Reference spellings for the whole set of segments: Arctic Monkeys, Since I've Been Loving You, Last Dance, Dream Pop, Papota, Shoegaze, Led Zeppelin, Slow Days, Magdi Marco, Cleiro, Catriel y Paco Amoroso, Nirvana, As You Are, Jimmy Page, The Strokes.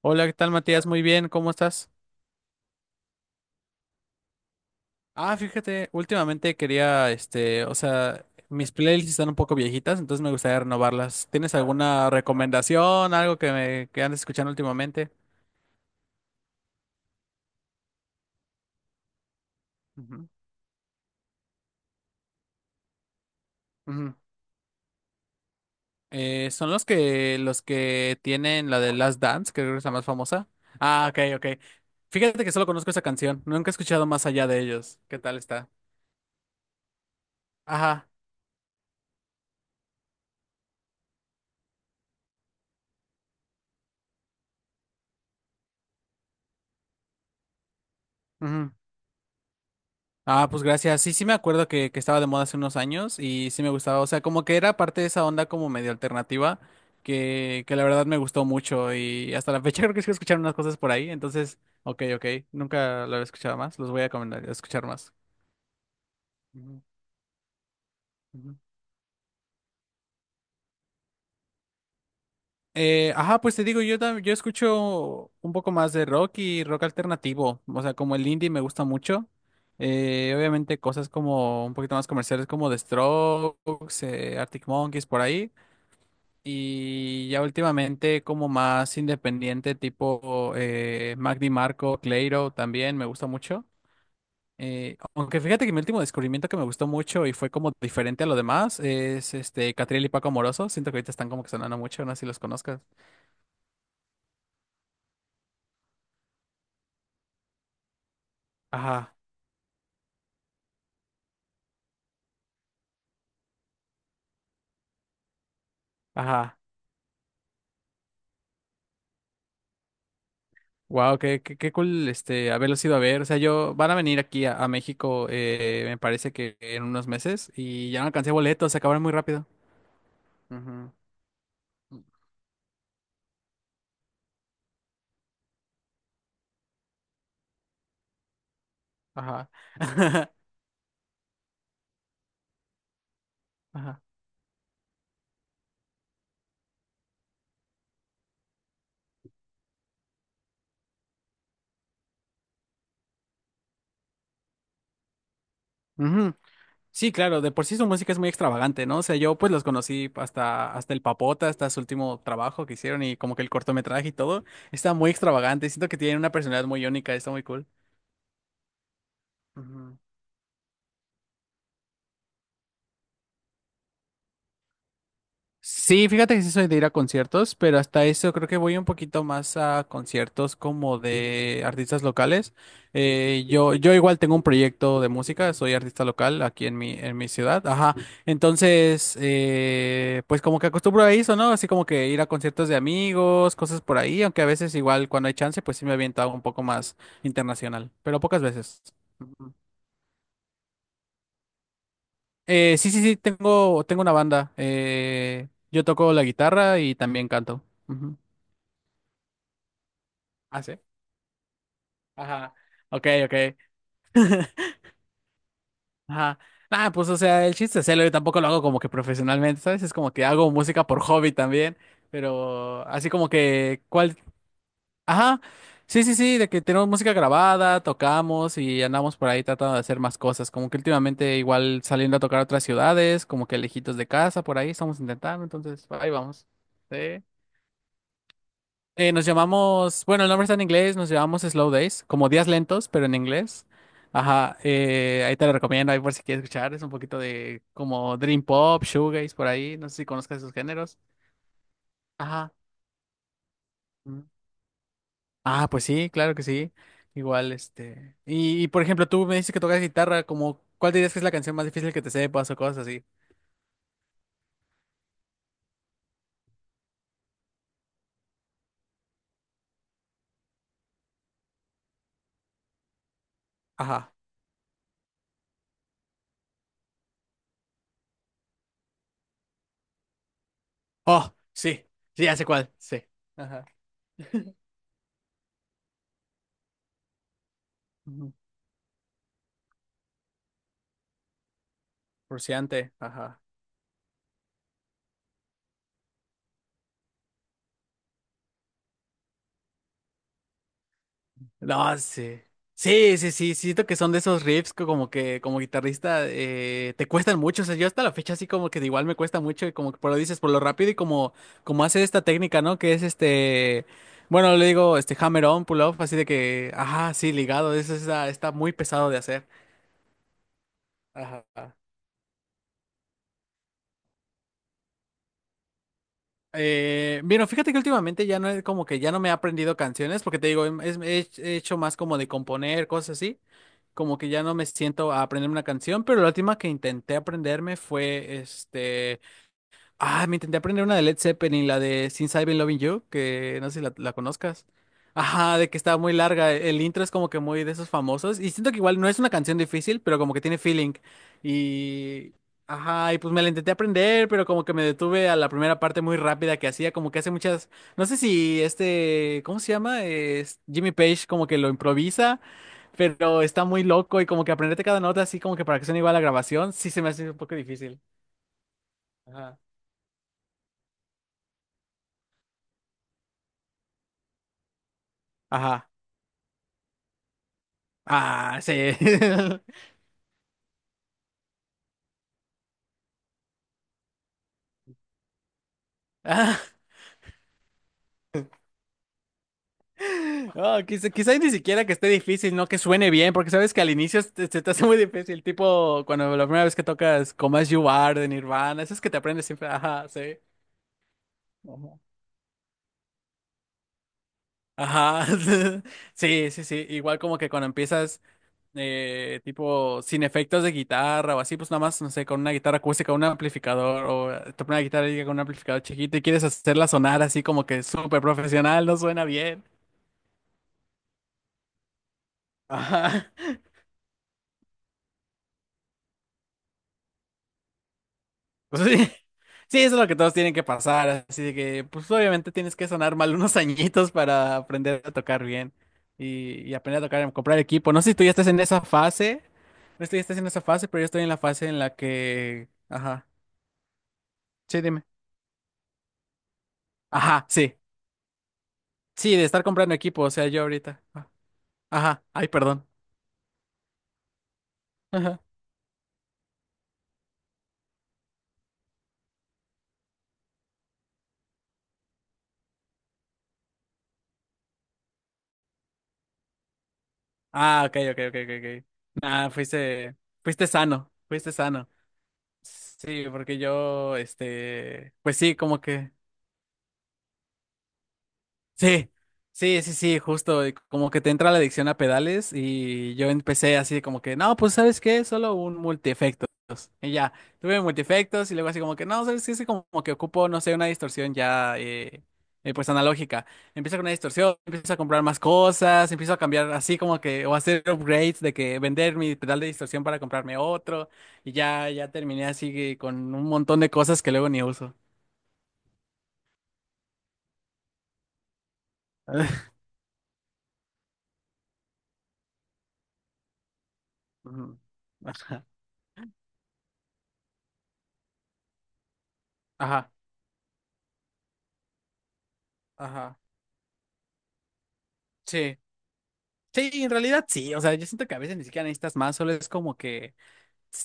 Hola, ¿qué tal, Matías? Muy bien, ¿cómo estás? Ah, fíjate, últimamente quería, o sea, mis playlists están un poco viejitas, entonces me gustaría renovarlas. ¿Tienes alguna recomendación, algo que andes escuchando últimamente? Ujú, ujú. Son los que tienen la de Last Dance, que creo que es la más famosa. Ah, ok, ok. Fíjate que solo conozco esa canción, nunca he escuchado más allá de ellos. ¿Qué tal está? Ajá. Ah, pues gracias. Sí, sí me acuerdo que estaba de moda hace unos años y sí me gustaba. O sea, como que era parte de esa onda como medio alternativa que la verdad me gustó mucho y hasta la fecha creo que sigo escuchando unas cosas por ahí. Entonces, ok, ok. Nunca lo había escuchado más. Los voy a recomendar, a escuchar más. Ujú, ujú. Ajá, pues te digo, yo escucho un poco más de rock y rock alternativo. O sea, como el indie me gusta mucho. Obviamente cosas como un poquito más comerciales como The Strokes, Arctic Monkeys, por ahí. Y ya últimamente como más independiente, tipo Magdi Marco, Cleiro también me gusta mucho. Aunque fíjate que mi último descubrimiento que me gustó mucho y fue como diferente a lo demás es este Catriel y Paco Amoroso. Siento que ahorita están como que sonando mucho, no sé si los conozcas. Ajá, ajá. Wow, qué cool haberlos ido a ver. O sea, yo van a venir aquí a México, me parece que en unos meses, y ya no alcancé boletos, se acabaron muy rápido. Ujú. Ajá. Ajá. Ujú. Sí, claro, de por sí su música es muy extravagante, ¿no? O sea, yo pues los conocí hasta el Papota, hasta su último trabajo que hicieron y como que el cortometraje y todo, está muy extravagante, siento que tienen una personalidad muy única, está muy cool. Ujú. Sí, fíjate que sí soy de ir a conciertos, pero hasta eso creo que voy un poquito más a conciertos como de artistas locales. Yo igual tengo un proyecto de música, soy artista local aquí en mi ciudad. Ajá. Entonces, pues como que acostumbro a eso, ¿no? Así como que ir a conciertos de amigos, cosas por ahí, aunque a veces igual cuando hay chance, pues sí me aviento algo un poco más internacional, pero pocas veces. Ujú. Sí, sí, sí, tengo una banda. Yo toco la guitarra y también canto. Ujú. Ah, sí. Ajá. Ok, ok. Ajá. Ah, pues o sea, el chiste es hacerlo. Yo tampoco lo hago como que profesionalmente, ¿sabes? Es como que hago música por hobby también. Pero así como que, ¿cuál? Ajá. Sí, sí, sí, de que tenemos música grabada, tocamos y andamos por ahí tratando de hacer más cosas. Como que últimamente igual saliendo a tocar a otras ciudades, como que lejitos de casa, por ahí estamos intentando, entonces ahí vamos. Sí. Nos llamamos, bueno, el nombre está en inglés, nos llamamos Slow Days, como días lentos, pero en inglés. Ajá, ahí te lo recomiendo, ahí por si quieres escuchar, es un poquito de como Dream Pop, Shoegaze, por ahí, no sé si conozcas esos géneros. Ajá. Mm. Ah, pues sí, claro que sí. Igual. Y, por ejemplo, tú me dices que tocas guitarra, como, ¿cuál dirías que es la canción más difícil que te sepas o cosas así? Ajá. Oh, sí, sí, ya sé cuál, sí. Ajá. Ujú. Frustrante, ajá. No, sí. Sí, sí, sí, siento que son de esos riffs que como guitarrista te cuestan mucho, o sea, yo hasta la fecha así como que igual me cuesta mucho y como que por lo dices, por lo rápido y como hace esta técnica, ¿no? Que es bueno, le digo este hammer on, pull off, así de que, ajá, sí, ligado, eso está muy pesado de hacer. Ajá. Bueno, fíjate que últimamente ya no es como que ya no me he aprendido canciones, porque te digo, he hecho más como de componer, cosas así. Como que ya no me siento a aprenderme una canción, pero la última que intenté aprenderme fue. Ah, me intenté aprender una de Led Zeppelin, la de Since I've Been Loving You, que no sé si la conozcas. Ajá, de que estaba muy larga. El intro es como que muy de esos famosos. Y siento que igual no es una canción difícil, pero como que tiene feeling. Y. Ajá, y pues me la intenté aprender, pero como que me detuve a la primera parte muy rápida que hacía, como que hace muchas. No sé si. ¿Cómo se llama? Es Jimmy Page como que lo improvisa, pero está muy loco y como que aprenderte cada nota así como que para que suene igual a la grabación, sí se me hace un poco difícil. Ajá. Ajá. Ah, sí. Ah, oh, quizás ni siquiera que esté difícil, no que suene bien, porque sabes que al inicio se te hace muy difícil, tipo cuando la primera vez que tocas Como As You Are de Nirvana, esas que te aprendes siempre, ajá, sí. Ajá. Ajá, sí, sí, sí, igual como que cuando empiezas tipo sin efectos de guitarra o así, pues nada más, no sé, con una guitarra acústica, un amplificador o te pones una guitarra y con un amplificador chiquito y quieres hacerla sonar así como que súper profesional, no suena bien. Ajá. Pues sí, sí, eso es lo que todos tienen que pasar, así de que, pues obviamente tienes que sonar mal unos añitos para aprender a tocar bien y aprender a tocar, a comprar equipo. No sé si tú ya estás en esa fase, no sé si ya estás en esa fase, pero yo estoy en la fase en la que, ajá, sí, dime. Ajá, sí, sí, de estar comprando equipo, o sea, yo ahorita. Ah, ajá, ay, perdón. Ajá. Ah, ok, ok, ok, ok, ok. Nah, fuiste sano, fuiste sano. Sí, porque yo, pues sí, como que... Sí, sí, sí, sí, justo, y como que te entra la adicción a pedales y yo empecé así como que, no, pues ¿sabes qué? Solo un multiefectos. Y ya, tuve multiefectos y luego así como que, no, ¿sabes qué? Es como que ocupo, no sé, una distorsión ya, pues analógica. Empiezo con una distorsión, empiezo a comprar más cosas, empiezo a cambiar así como que, o hacer upgrades de que vender mi pedal de distorsión para comprarme otro y ya terminé así que con un montón de cosas que luego ni uso. Ujú. Ajá, ajá, ajá. Sí, sí, en realidad sí, o sea, yo siento que a veces ni siquiera necesitas más, solo es como que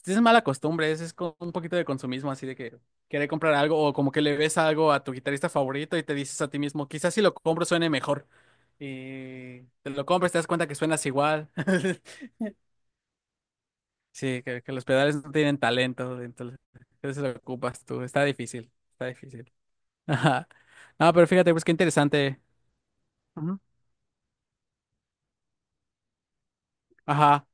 es mala costumbre, es como un poquito de consumismo, así de que querer comprar algo o como que le ves algo a tu guitarrista favorito y te dices a ti mismo, quizás si lo compro suene mejor. Y te lo compras, te das cuenta que suenas igual. Sí, que los pedales no tienen talento, entonces lo ocupas tú, está difícil, está difícil. Ajá. No, pero fíjate, pues qué interesante. Ujú. Ajá.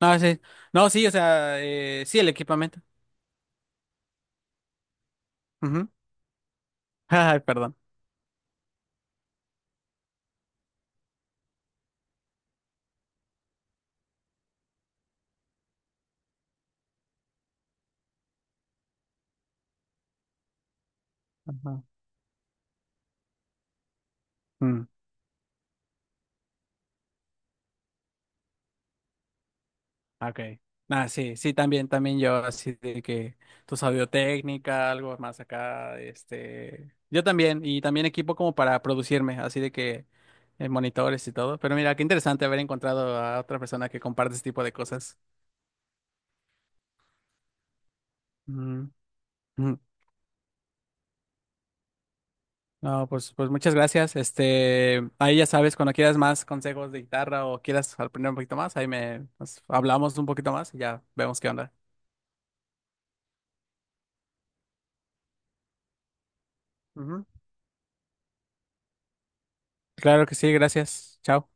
No, sí, no, sí, o sea, sí, el equipamiento. Ujú. Ay, perdón. Ajá. Mm, ok. Ah, sí, sí, también, también yo, así de que tu técnica, algo más acá, yo también, y también equipo como para producirme, así de que monitores y todo, pero mira, qué interesante haber encontrado a otra persona que comparte este tipo de cosas. Mm, mm. No, pues muchas gracias, ahí ya sabes, cuando quieras más consejos de guitarra o quieras aprender un poquito más, ahí nos hablamos un poquito más y ya vemos qué onda. Ujú. Claro que sí, gracias, chao.